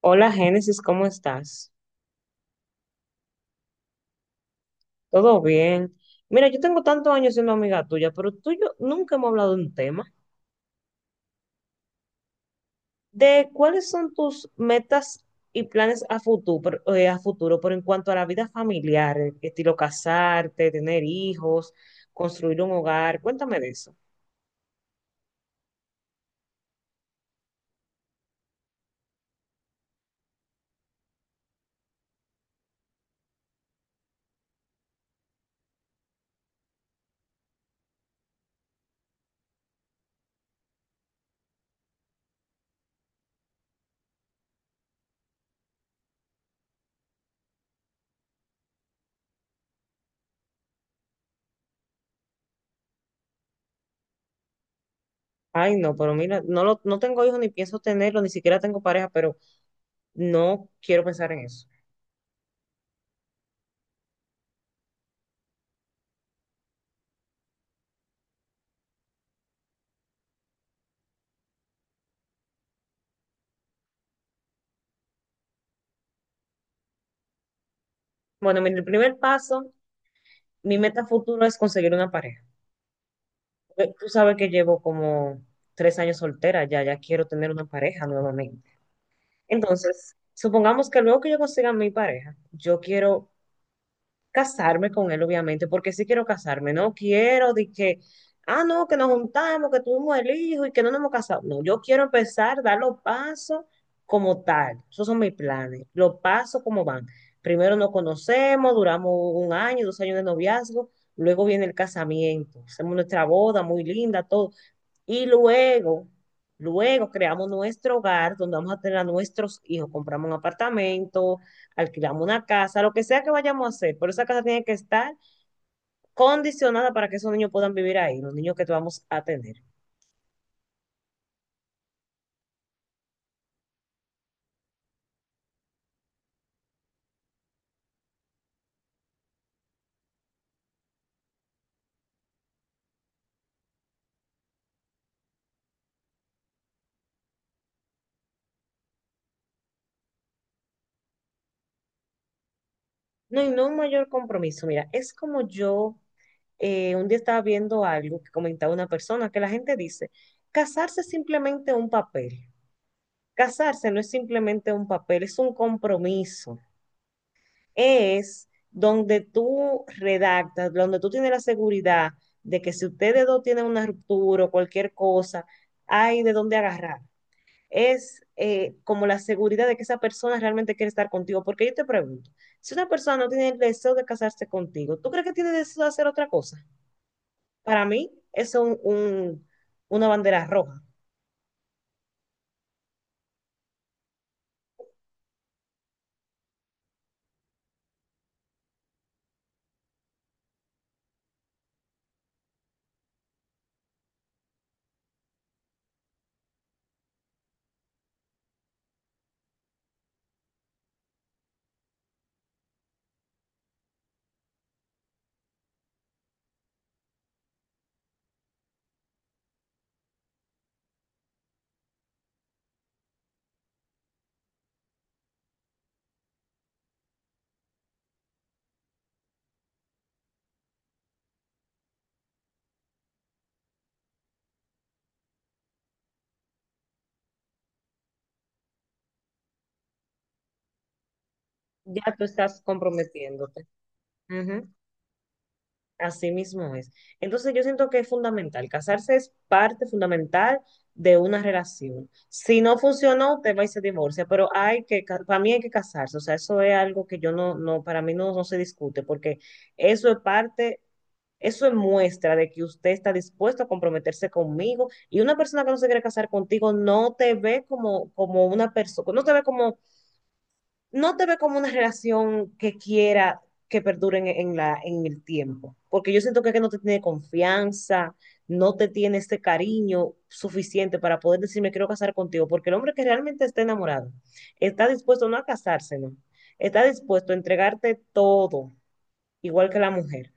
Hola Génesis, ¿cómo estás? ¿Todo bien? Mira, yo tengo tantos años siendo amiga tuya, pero tú y yo nunca hemos hablado de un tema, de cuáles son tus metas y planes a futuro, pero en cuanto a la vida familiar, estilo casarte, tener hijos, construir un hogar, cuéntame de eso. Ay, no, pero mira, no, no tengo hijos ni pienso tenerlo, ni siquiera tengo pareja, pero no quiero pensar en eso. Bueno, mira, el primer paso, mi meta a futuro es conseguir una pareja. Tú sabes que llevo como 3 años soltera ya, ya quiero tener una pareja nuevamente. Entonces, supongamos que luego que yo consiga mi pareja, yo quiero casarme con él, obviamente, porque sí quiero casarme. No quiero de que, ah, no, que nos juntamos, que tuvimos el hijo y que no nos hemos casado. No, yo quiero empezar, dar los pasos como tal. Esos son mis planes, los pasos como van. Primero nos conocemos, duramos un año, 2 años de noviazgo, luego viene el casamiento. Hacemos nuestra boda muy linda, todo y luego, luego creamos nuestro hogar donde vamos a tener a nuestros hijos. Compramos un apartamento, alquilamos una casa, lo que sea que vayamos a hacer. Pero esa casa tiene que estar condicionada para que esos niños puedan vivir ahí, los niños que vamos a tener. No, y no un mayor compromiso. Mira, es como yo un día estaba viendo algo que comentaba una persona, que la gente dice, casarse es simplemente un papel. Casarse no es simplemente un papel, es un compromiso. Es donde tú redactas, donde tú tienes la seguridad de que si ustedes dos tienen una ruptura o cualquier cosa, hay de dónde agarrar. Es como la seguridad de que esa persona realmente quiere estar contigo. Porque yo te pregunto, si una persona no tiene el deseo de casarse contigo, ¿tú crees que tiene deseo de hacer otra cosa? Para mí, eso es una bandera roja. Ya tú estás comprometiéndote. Ujú. Así mismo es. Entonces yo siento que es fundamental. Casarse es parte fundamental de una relación. Si no funcionó, te va y se divorcia, pero hay que, para mí hay que casarse. O sea, eso es algo que yo no, no, para mí no, no se discute, porque eso es parte, eso es muestra de que usted está dispuesto a comprometerse conmigo y una persona que no se quiere casar contigo no te ve como una persona, no te ve como una relación que quiera que perdure en el tiempo, porque yo siento que no te tiene confianza, no te tiene este cariño suficiente para poder decir me quiero casar contigo, porque el hombre que realmente está enamorado está dispuesto no a casarse, no, está dispuesto a entregarte todo, igual que la mujer,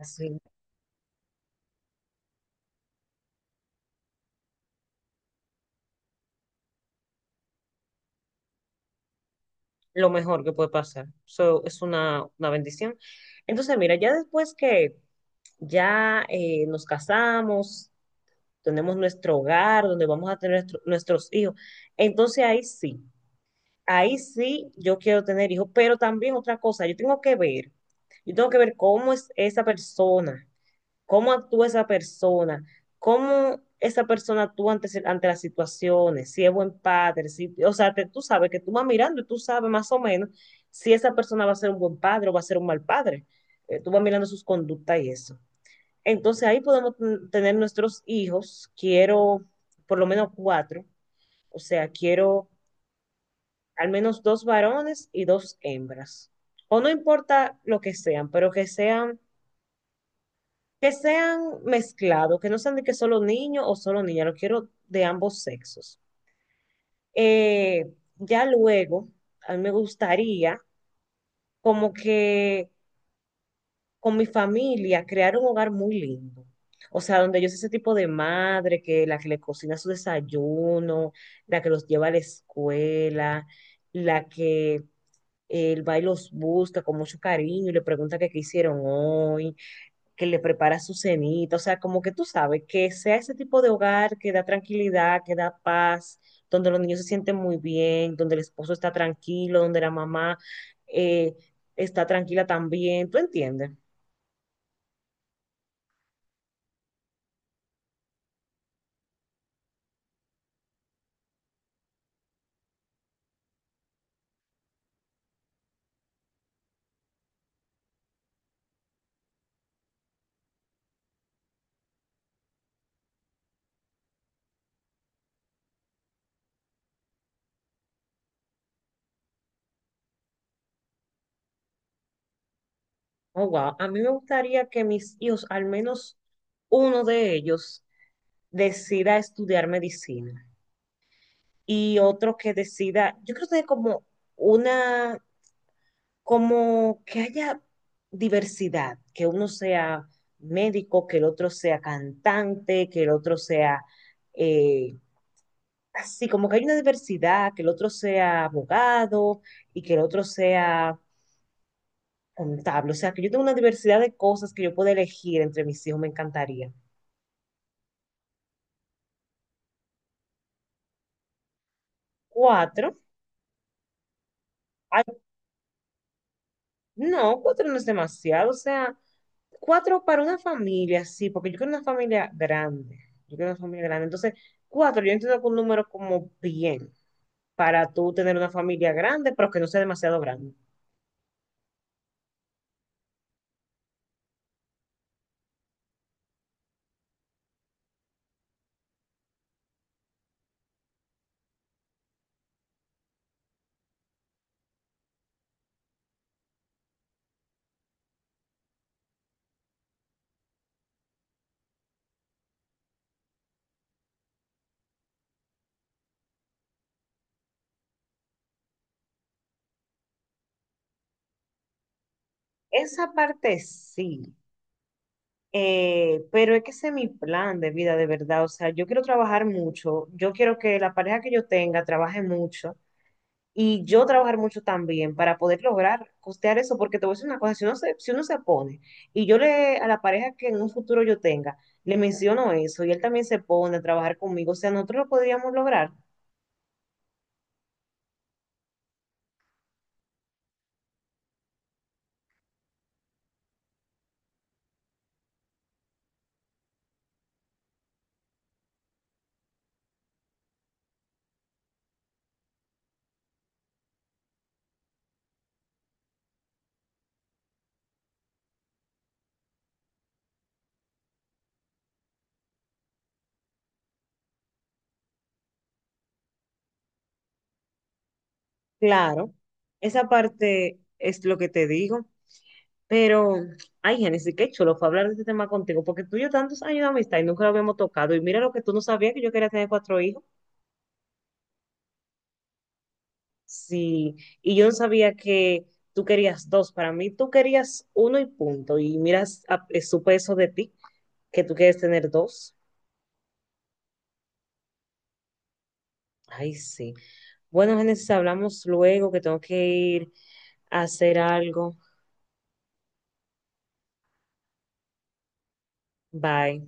así lo mejor que puede pasar. Eso es una bendición. Entonces, mira, ya después que ya nos casamos, tenemos nuestro hogar, donde vamos a tener nuestros hijos. Entonces ahí sí yo quiero tener hijos, pero también otra cosa, yo tengo que ver, yo tengo que ver cómo es esa persona, cómo actúa esa persona, cómo esa persona actúa ante, ante las situaciones, si es buen padre, si, o sea, tú sabes que tú vas mirando y tú sabes más o menos si esa persona va a ser un buen padre o va a ser un mal padre. Tú vas mirando sus conductas y eso. Entonces ahí podemos tener nuestros hijos, quiero por lo menos cuatro, o sea, quiero al menos dos varones y dos hembras. O no importa lo que sean, pero que sean mezclados, que no sean de que solo niño o solo niña, lo quiero de ambos sexos. Ya luego, a mí me gustaría como que con mi familia, crear un hogar muy lindo. O sea, donde yo soy ese tipo de madre que la que le cocina su desayuno, la que los lleva a la escuela, la que él va y los busca con mucho cariño y le pregunta que qué hicieron hoy, que le prepara su cenita. O sea, como que tú sabes, que sea ese tipo de hogar que da tranquilidad, que da paz, donde los niños se sienten muy bien, donde el esposo está tranquilo, donde la mamá eh, está tranquila también. ¿Tú entiendes? Oh, wow. A mí me gustaría que mis hijos, al menos uno de ellos, decida estudiar medicina y otro que decida, yo creo que es como una, como que haya diversidad, que uno sea médico, que el otro sea cantante, que el otro sea eh, así, como que hay una diversidad, que el otro sea abogado y que el otro sea contable. O sea, que yo tengo una diversidad de cosas que yo puedo elegir entre mis hijos, me encantaría. Cuatro, ay, no, cuatro no es demasiado, o sea, cuatro para una familia, sí, porque yo quiero una familia grande, yo quiero una familia grande. Entonces, cuatro, yo entiendo que un número como bien, para tú tener una familia grande, pero que no sea demasiado grande. Esa parte sí, pero es que ese es mi plan de vida, de verdad. O sea, yo quiero trabajar mucho, yo quiero que la pareja que yo tenga trabaje mucho y yo trabajar mucho también para poder lograr costear eso, porque te voy a decir una cosa, si uno se pone, y yo le, a la pareja que en un futuro yo tenga, le menciono eso, y él también se pone a trabajar conmigo, o sea, nosotros lo podríamos lograr, claro, esa parte es lo que te digo, pero, ay, Génesis, qué chulo fue hablar de este tema contigo, porque tú y yo tantos años de amistad y nunca lo habíamos tocado, y mira lo que tú no sabías que yo quería tener cuatro hijos. Sí, y yo no sabía que tú querías dos. Para mí, tú querías uno y punto. Y miras, supe eso de ti, que tú quieres tener dos. Ay, sí. Bueno, Génesis, hablamos luego, que tengo que ir a hacer algo. Bye.